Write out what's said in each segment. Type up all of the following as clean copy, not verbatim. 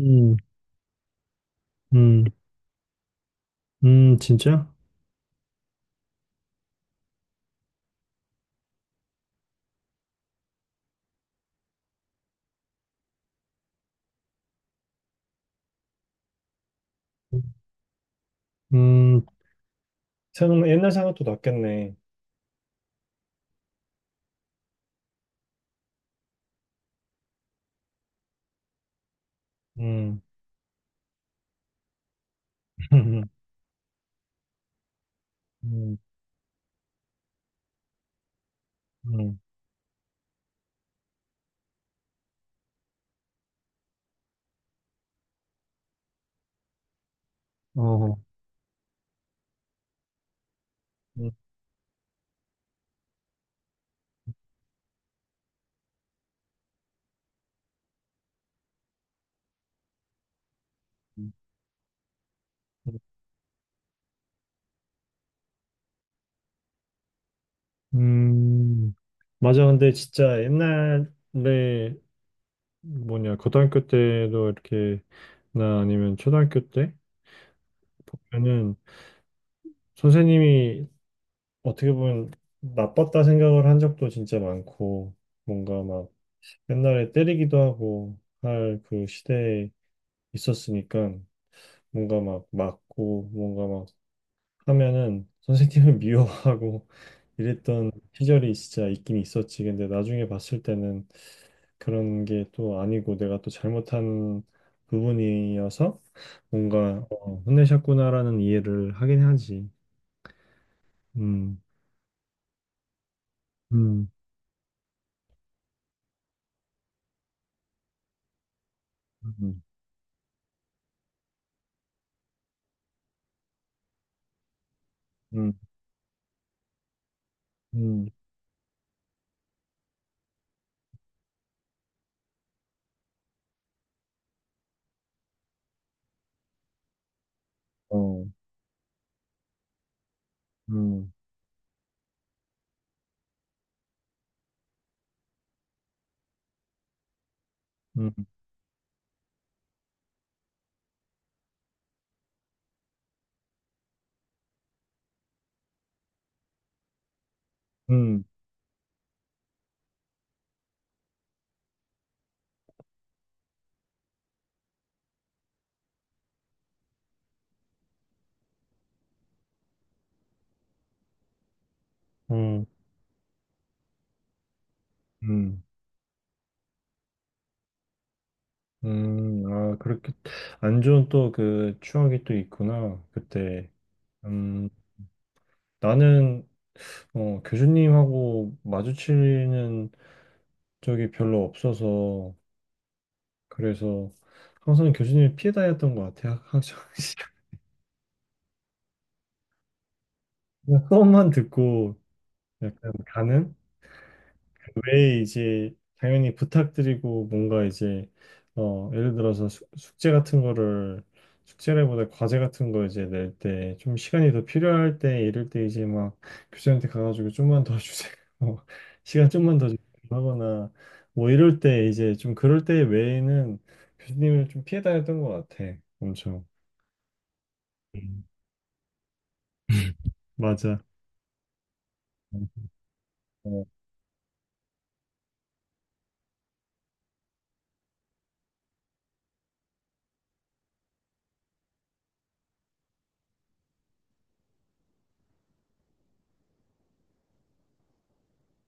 음, 음, 진짜? 음, 생각, 옛날 생각도 났겠네. 음. 음, 음, 음, 어, 음, 음, 음. 맞아. 근데 진짜 옛날에 뭐냐, 고등학교 때도 이렇게, 나 아니면 초등학교 때 보면은 선생님이 어떻게 보면 나빴다 생각을 한 적도 진짜 많고, 뭔가 막 옛날에 때리기도 하고 할 그 시대에 있었으니까. 뭔가 막 맞고 뭔가 막 하면은 선생님을 미워하고 이랬던 시절이 진짜 있긴 있었지. 근데 나중에 봤을 때는 그런 게 또 아니고 내가 또 잘못한 부분이어서 뭔가 어, 혼내셨구나라는 이해를 하긴 하지. 음, 음, 음, 음, 음, 어, 음, 음, 음, 음, 음, 아, 그렇게 안 좋은 또 그 추억이 또 있구나. 그때. 음. 나는 어, 교수님하고 마주치는 적이 별로 없어서 그래서 항상 교수님을 피해 다녔던 것 같아. 항상 수업만 듣고 약간 가는 왜 이제 당연히 부탁드리고 뭔가 이제 어 예를 들어서 숙제 같은 거를 숙제라기보다 과제 같은 거 이제 낼 때 좀 시간이 더 필요할 때 이럴 때 이제 막 교수한테 가가지고 좀만 더 주세요. 시간 좀만 더 주세요 하거나 뭐 이럴 때 이제 좀 그럴 때 외에는 교수님을 좀 피해 다녔던 것 같아 엄청. 음, 맞아. 음, 어,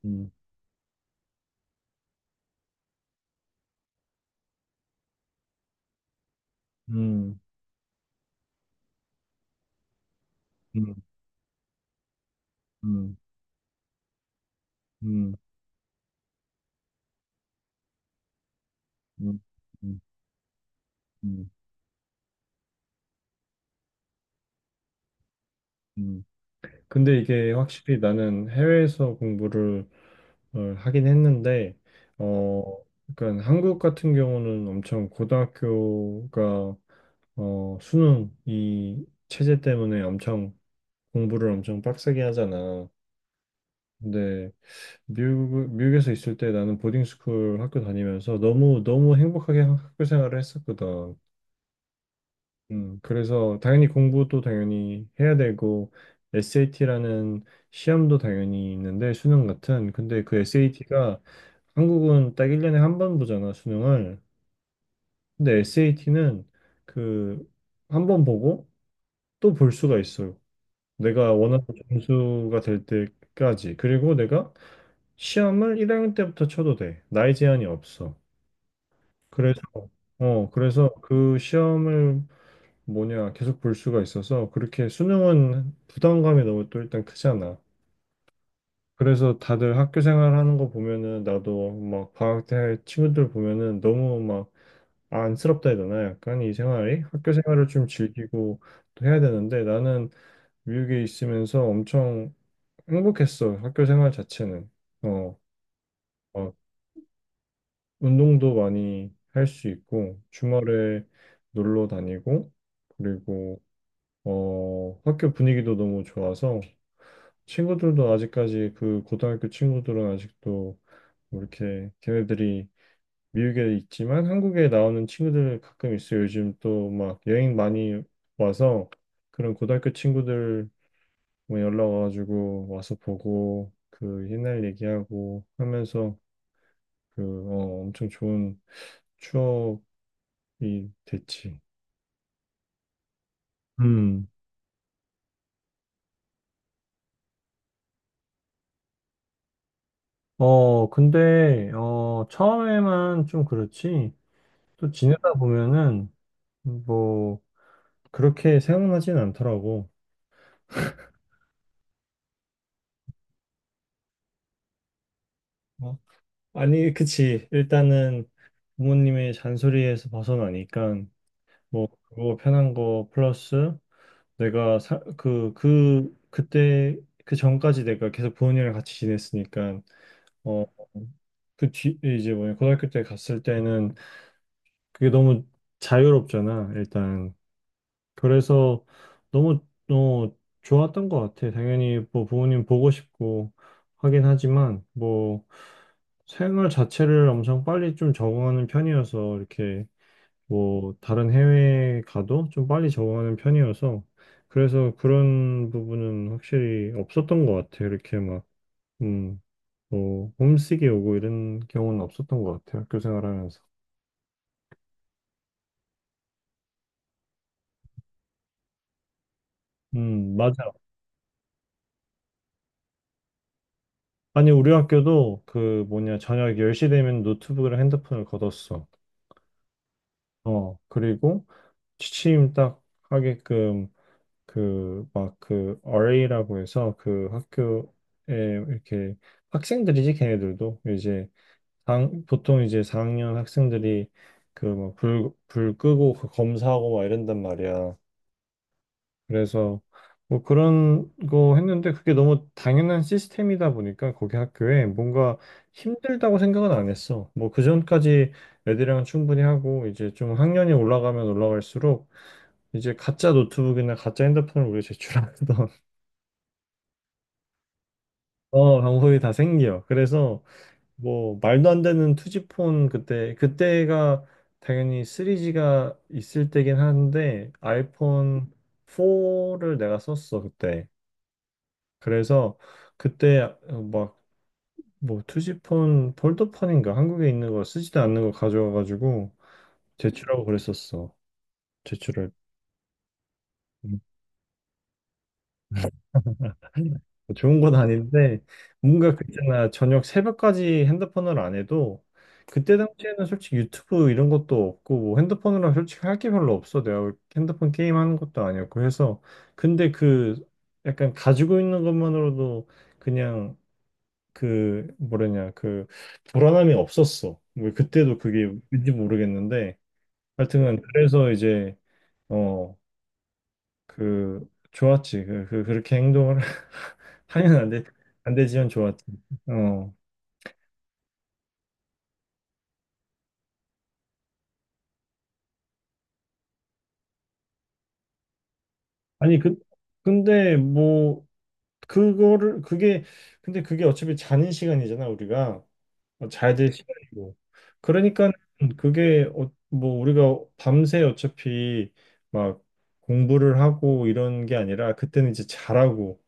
음, 음, 음, 음, 음, 음, 음, 음, 음. 근데 이게 확실히 나는 해외에서 공부를 어, 하긴 했는데, 어, 그러니까 한국 같은 경우는 엄청 고등학교가 어, 수능 이 체제 때문에 엄청 공부를 엄청 빡세게 하잖아. 근데 미국에서 있을 때 나는 보딩 스쿨 학교 다니면서 너무 너무 행복하게 학교 생활을 했었거든. 그래서 당연히 공부도 당연히 해야 되고 SAT라는 시험도 당연히 있는데 수능 같은 근데 그 SAT가 한국은 딱 1년에 한 번 보잖아 수능을. 근데 SAT는 그 한 번 보고 또 볼 수가 있어요. 내가 원하는 점수가 될 때까지, 그리고 내가 시험을 1학년 때부터 쳐도 돼. 나이 제한이 없어. 그래서 어 그래서 그 시험을 뭐냐 계속 볼 수가 있어서, 그렇게 수능은 부담감이 너무 또 일단 크잖아. 그래서 다들 학교 생활하는 거 보면은 나도 막 방학 때 친구들 보면은 너무 막 안쓰럽다 해야 되나? 약간 이 생활이 학교 생활을 좀 즐기고 또 해야 되는데, 나는 미국에 있으면서 엄청 행복했어. 학교 생활 자체는. 어, 막 운동도 많이 할 수 있고 주말에 놀러 다니고, 그리고 어, 학교 분위기도 너무 좋아서 친구들도 아직까지, 그 고등학교 친구들은 아직도 뭐 이렇게 걔네들이 미국에 있지만 한국에 나오는 친구들 가끔 있어요. 요즘 또 막 여행 많이 와서, 그런 고등학교 친구들 뭐 연락 와가지고 와서 보고 그 옛날 얘기하고 하면서, 그 어, 엄청 좋은 추억이 됐지. 음, 어, 근데, 어, 처음에만 좀 그렇지, 또 지내다 보면은, 뭐 그렇게 생각나진 않더라고. 어, 아니, 그치. 일단은 부모님의 잔소리에서 벗어나니까 뭐 그거 편한 거 플러스, 내가 사, 그때 그 전까지 내가 계속 부모님이랑 같이 지냈으니까 어, 그 뒤, 이제 뭐냐, 고등학교 때 갔을 때는 그게 너무 자유롭잖아. 일단. 그래서 너무 어, 좋았던 것 같아. 당연히 뭐 부모님 보고 싶고 하긴 하지만 뭐 생활 자체를 엄청 빨리 좀 적응하는 편이어서, 이렇게 뭐 다른 해외에 가도 좀 빨리 적응하는 편이어서, 그래서 그런 부분은 확실히 없었던 것 같아. 이렇게 막 음, 뭐 홈식이 오고 이런 경우는 없었던 것 같아. 학교 생활하면서. 맞아. 아니, 우리 학교도 그 뭐냐, 저녁 10시 되면 노트북이랑 핸드폰을 걷었어. 어, 그리고 취침 딱 하게끔 그 막 그 RA라고 해서 그 학교에 이렇게 학생들이지, 걔네들도 이제 당, 보통 이제 4학년 학생들이 그 막 불 끄고 그 검사하고 막 이런단 말이야. 그래서 뭐 그런 거 했는데 그게 너무 당연한 시스템이다 보니까 거기 학교에 뭔가 힘들다고 생각은 안 했어. 뭐 그전까지 애들이랑 충분히 하고 이제 좀 학년이 올라가면 올라갈수록 이제 가짜 노트북이나 가짜 핸드폰을 우리 제출하던 어, 방법이 다 생겨. 그래서 뭐 말도 안 되는 투지폰, 그때 그때가 당연히 3G가 있을 때긴 한데 아이폰 4를 내가 썼어 그때. 그래서 그때 어, 막뭐 투지폰 폴더폰인가 한국에 있는 거 쓰지도 않는 거 가져와가지고 제출하고 그랬었어. 제출을. 음, 뭐 좋은 건 아닌데 뭔가 그때나 저녁 새벽까지 핸드폰을 안 해도, 그때 당시에는 솔직히 유튜브 이런 것도 없고 뭐 핸드폰으로 솔직히 할 게 별로 없어. 내가 핸드폰 게임 하는 것도 아니었고 해서. 근데 그 약간 가지고 있는 것만으로도 그냥 그 뭐랬냐 그 불안함이 없었어. 뭐 그때도 그게 왠지 모르겠는데. 하여튼간 그래서 이제 어 그 좋았지. 그, 그 그렇게 행동을 하면 안 돼. 안 되지만 좋았지. 어. 아니 그 근데 뭐 그거를 그게 근데 그게 어차피 자는 시간이잖아 우리가. 어, 잘 될 시간이고. 그러니까 그게 어, 뭐 우리가 밤새 어차피 막 공부를 하고 이런 게 아니라 그때는 이제 잘하고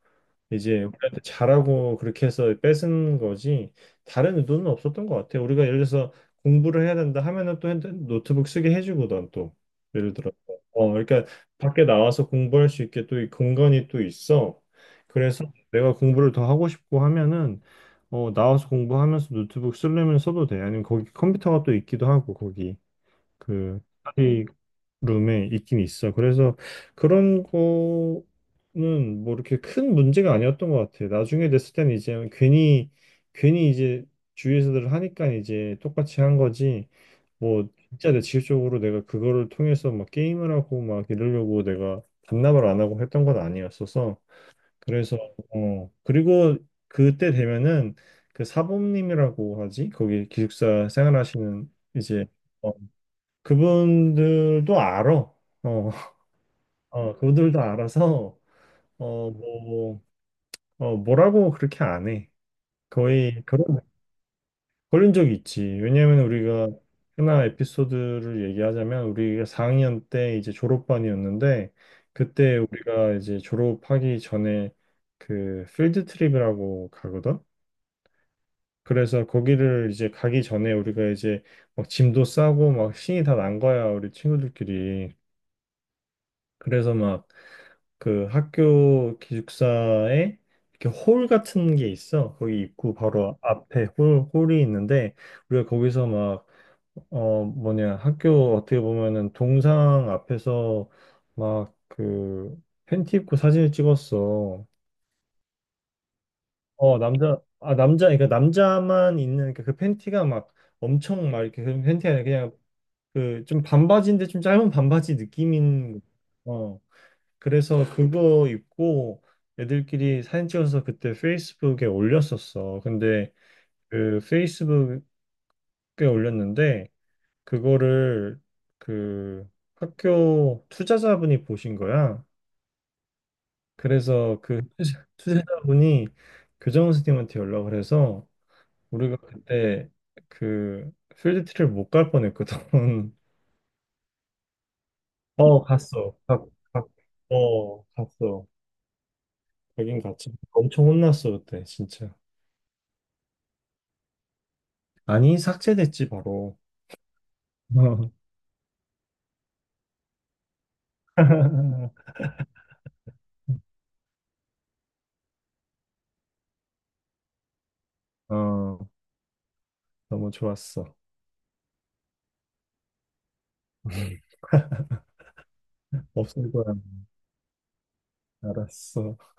이제 우리한테 잘하고 그렇게 해서 뺏은 거지, 다른 의도는 없었던 것 같아요. 우리가 예를 들어서 공부를 해야 된다 하면은 또 노트북 쓰게 해주고 든또 예를 들어 어 그러니까 밖에 나와서 공부할 수 있게 또 이 공간이 또 있어. 그래서 내가 공부를 더 하고 싶고 하면은 어, 나와서 공부하면서 노트북 쓰려면 써도 돼. 아니면 거기 컴퓨터가 또 있기도 하고, 거기 그 스터디룸에 있긴 있어. 그래서 그런 거는 뭐 이렇게 큰 문제가 아니었던 것 같아. 나중에 됐을 때는 이제 괜히 이제 주위에서들 하니까 이제 똑같이 한 거지. 뭐 진짜 내 직접적으로 내가 그거를 통해서 막 게임을 하고 막 이러려고 내가 반납을 안 하고 했던 건 아니었어서. 그래서 어 그리고 그때 되면은 그 사범님이라고 하지, 거기 기숙사 생활하시는 이제 어, 그분들도 알아. 어, 어 그분들도 알아서 어뭐 어, 뭐라고 그렇게 안해. 거의 그런 걸린 적이 있지. 왜냐면 우리가 하나 에피소드를 얘기하자면, 우리가 4학년 때 이제 졸업반이었는데 그때 우리가 이제 졸업하기 전에 그 필드 트립이라고 가거든. 그래서 거기를 이제 가기 전에 우리가 이제 막 짐도 싸고 막 신이 다 난 거야, 우리 친구들끼리. 그래서 막 그 학교 기숙사에 이렇게 홀 같은 게 있어. 거기 입구 바로 앞에 홀이 있는데 우리가 거기서 막 어 뭐냐 학교 어떻게 보면은 동상 앞에서 막 그 팬티 입고 사진을 찍었어. 어 남자 아 남자 그러니까 남자만 있는, 그러니까 그 팬티가 막 엄청 막 이렇게 그 팬티 아니라 그냥 그 좀 반바지인데 좀 짧은 반바지 느낌인 어 그래서 그거 입고 애들끼리 사진 찍어서 그때 페이스북에 올렸었어. 근데 그 페이스북에 올렸는데 그거를 그 학교 투자자분이 보신 거야. 그래서 그 투자자분이 교정 선생님한테 연락을 해서 우리가 그때 그 필드트를 못 갈 뻔했거든. 어, 갔어. 가, 어, 갔어. 가긴 갔지. 엄청 혼났어, 그때, 진짜. 아니, 삭제됐지, 바로. 어, 어, 너무 좋았어. 없을 거야. 알았어.